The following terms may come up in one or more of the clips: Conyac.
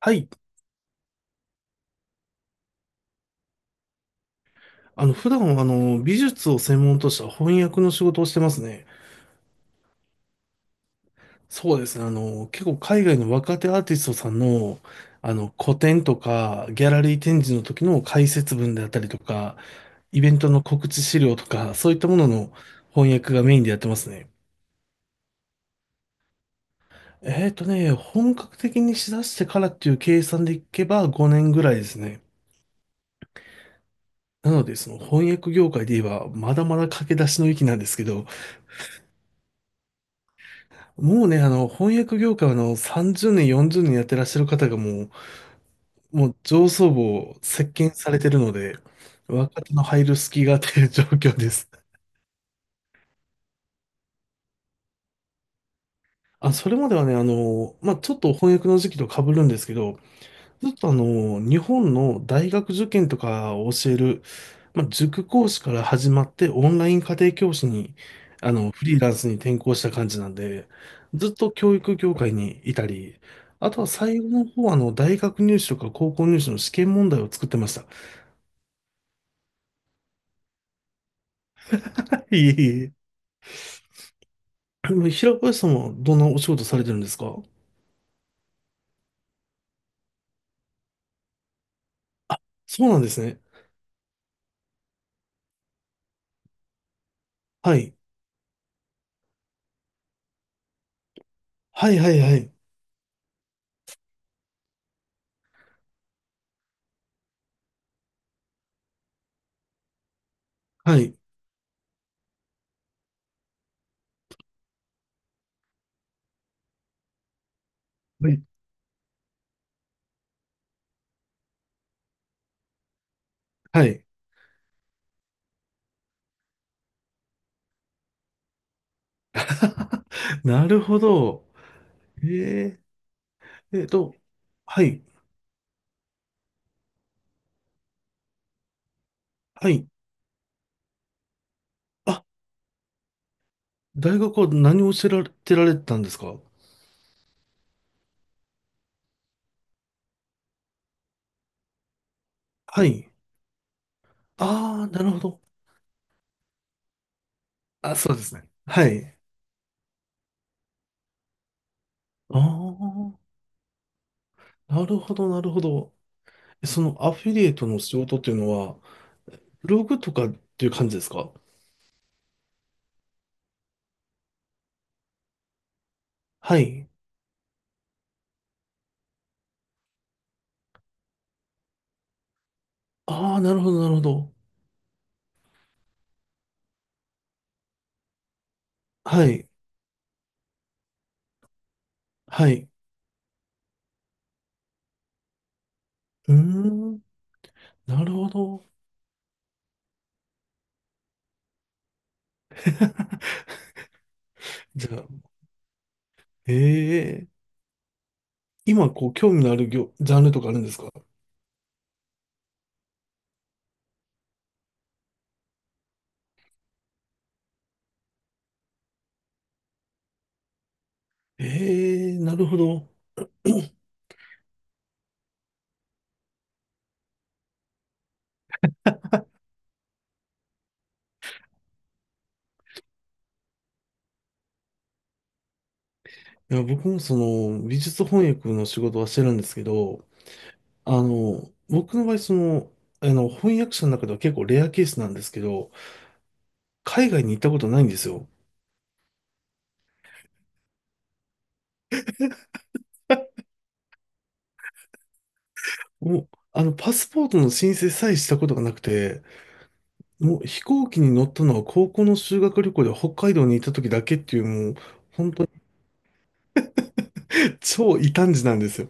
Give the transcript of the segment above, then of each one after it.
はい。普段は、美術を専門とした翻訳の仕事をしてますね。そうですね。結構海外の若手アーティストさんの、個展とか、ギャラリー展示の時の解説文であったりとか、イベントの告知資料とか、そういったものの翻訳がメインでやってますね。本格的にしだしてからっていう計算でいけば5年ぐらいですね。なので、その翻訳業界で言えば、まだまだ駆け出しの域なんですけど、もうね、翻訳業界は30年、40年やってらっしゃる方がもう上層部を席巻されてるので、若手の入る隙がという状況です。あ、それまではね、まあ、ちょっと翻訳の時期と被るんですけど、ずっと日本の大学受験とかを教える、まあ、塾講師から始まってオンライン家庭教師に、フリーランスに転校した感じなんで、ずっと教育業界にいたり、あとは最後の方は大学入試とか高校入試の試験問題を作ってました。いえいええ。で、もう平林さんはどんなお仕事されてるんですか？そうなんですね。はい。はいはいはい。はい。はい。はい。なるほど。えええっと、はい。はい。あ、大学は何を教えられてたんですか？はい。ああ、なるほど。あ、そうですね。はい。ああ、なるほど、なるほど。そのアフィリエイトの仕事っていうのは、ブログとかっていう感じですか？はい。ああ、なるほど、なるほど。はい。はい。うーん、なるほど。じゃあ、ええ、今、こう、興味のあるジャンルとかあるんですか？ええ、なるほど。いや、僕もその美術翻訳の仕事はしてるんですけど、僕の場合その、翻訳者の中では結構レアケースなんですけど、海外に行ったことないんですよ。もう、パスポートの申請さえしたことがなくて、もう飛行機に乗ったのは高校の修学旅行で北海道に行った時だけっていうもう、本当に超異端児なんですよ。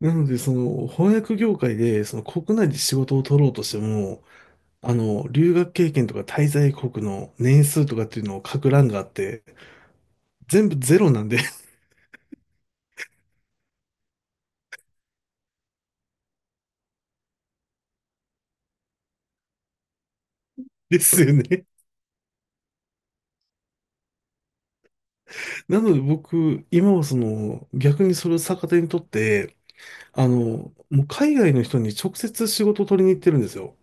なので、その翻訳業界でその国内で仕事を取ろうとしても、留学経験とか滞在国の年数とかっていうのを書く欄があって、全部ゼロなんで ですよね。なので僕、今はその、逆にそれを逆手にとって、もう海外の人に直接仕事を取りに行ってるんですよ。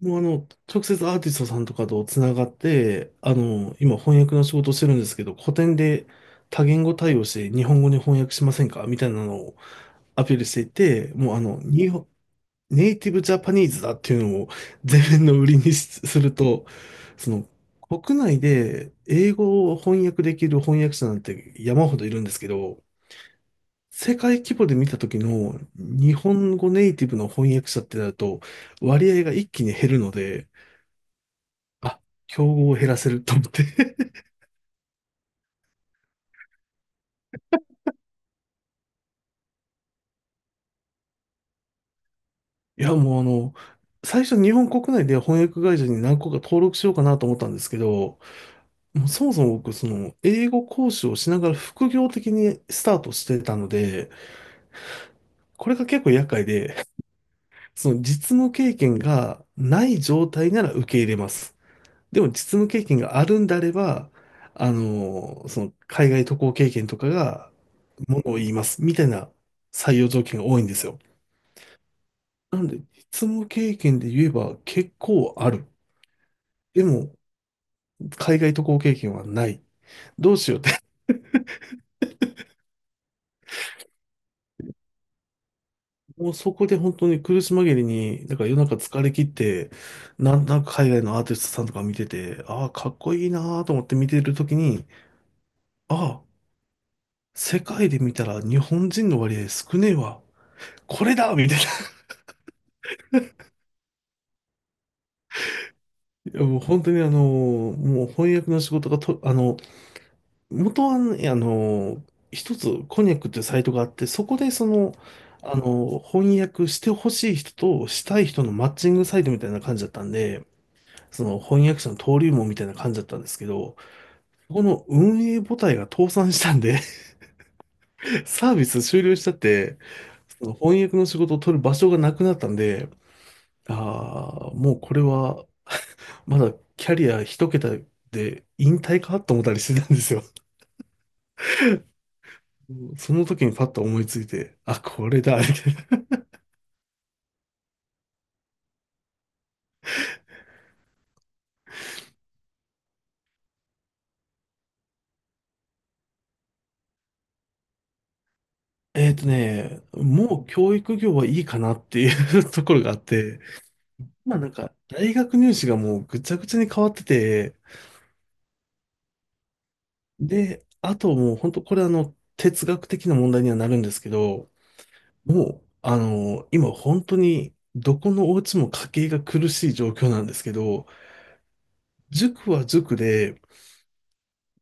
もう直接アーティストさんとかとつながって、今翻訳の仕事をしてるんですけど、古典で多言語対応して日本語に翻訳しませんかみたいなのをアピールしていて、もう日本ネイティブジャパニーズだっていうのを前面の売りにすると、その国内で英語を翻訳できる翻訳者なんて山ほどいるんですけど、世界規模で見た時の日本語ネイティブの翻訳者ってなると割合が一気に減るので、あ、競合を減らせると思って いや、もう最初日本国内で翻訳会社に何個か登録しようかなと思ったんですけど、もうそもそも僕、その、英語講師をしながら副業的にスタートしてたので、これが結構厄介で、その実務経験がない状態なら受け入れます。でも実務経験があるんであれば、その、海外渡航経験とかがものを言います、みたいな採用条件が多いんですよ。なので、実務経験で言えば結構ある。でも、海外渡航経験はない。どうしようって、もうそこで本当に苦し紛れに、だから夜中疲れ切って、なんとなく海外のアーティストさんとか見てて、ああ、かっこいいなーと思って見てるときに、ああ、世界で見たら日本人の割合少ねえわ。これだみたいな。いやもう本当にもう翻訳の仕事がと、元はね、一つコニャックっていうサイトがあって、そこでその、あの翻訳してほしい人としたい人のマッチングサイトみたいな感じだったんで、その翻訳者の登竜門みたいな感じだったんですけど、そこの運営母体が倒産したんで サービス終了しちゃって、その翻訳の仕事を取る場所がなくなったんで、ああ、もうこれは、まだキャリア一桁で引退かと思ったりしてたんですよ。その時にパッと思いついて、あ、これだ。みたいな。もう教育業はいいかなっていう ところがあって、まあなんか大学入試がもうぐちゃぐちゃに変わってて、で、あともう本当これ哲学的な問題にはなるんですけど、もう今本当にどこのお家も家計が苦しい状況なんですけど、塾は塾で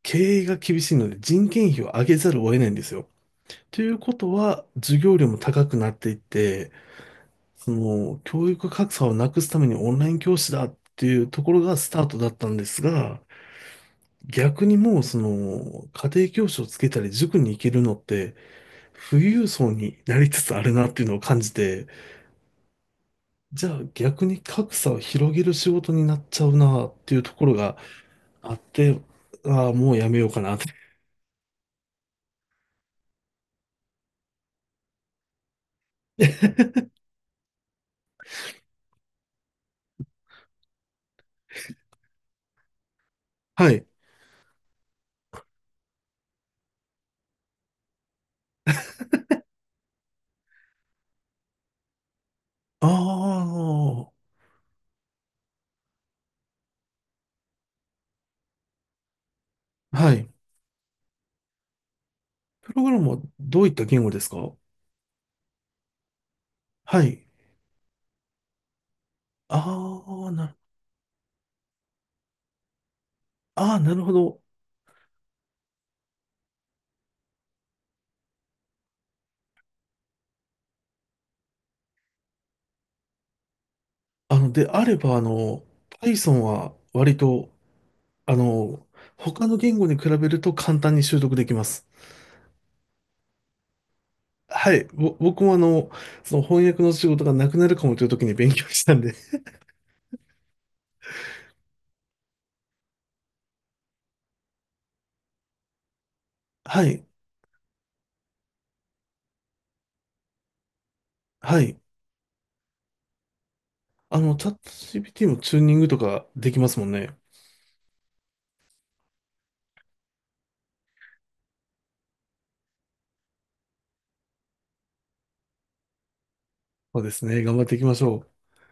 経営が厳しいので人件費を上げざるを得ないんですよ。ということは授業料も高くなっていって、その教育格差をなくすためにオンライン教師だっていうところがスタートだったんですが、逆にもうその家庭教師をつけたり塾に行けるのって富裕層になりつつあるなっていうのを感じて、じゃあ逆に格差を広げる仕事になっちゃうなっていうところがあって、ああ、もうやめようかなって。はい。ああ、はい。プログラムはどういった言語ですか？はい。ああ、ああ、なるほど。であれば、Python は割と、あの、他の言語に比べると簡単に習得できます。はい。僕もその翻訳の仕事がなくなるかもという時に勉強したんで。はい。はい。チャット GPT もチューニングとかできますもんね。そうですね。頑張っていきましょう。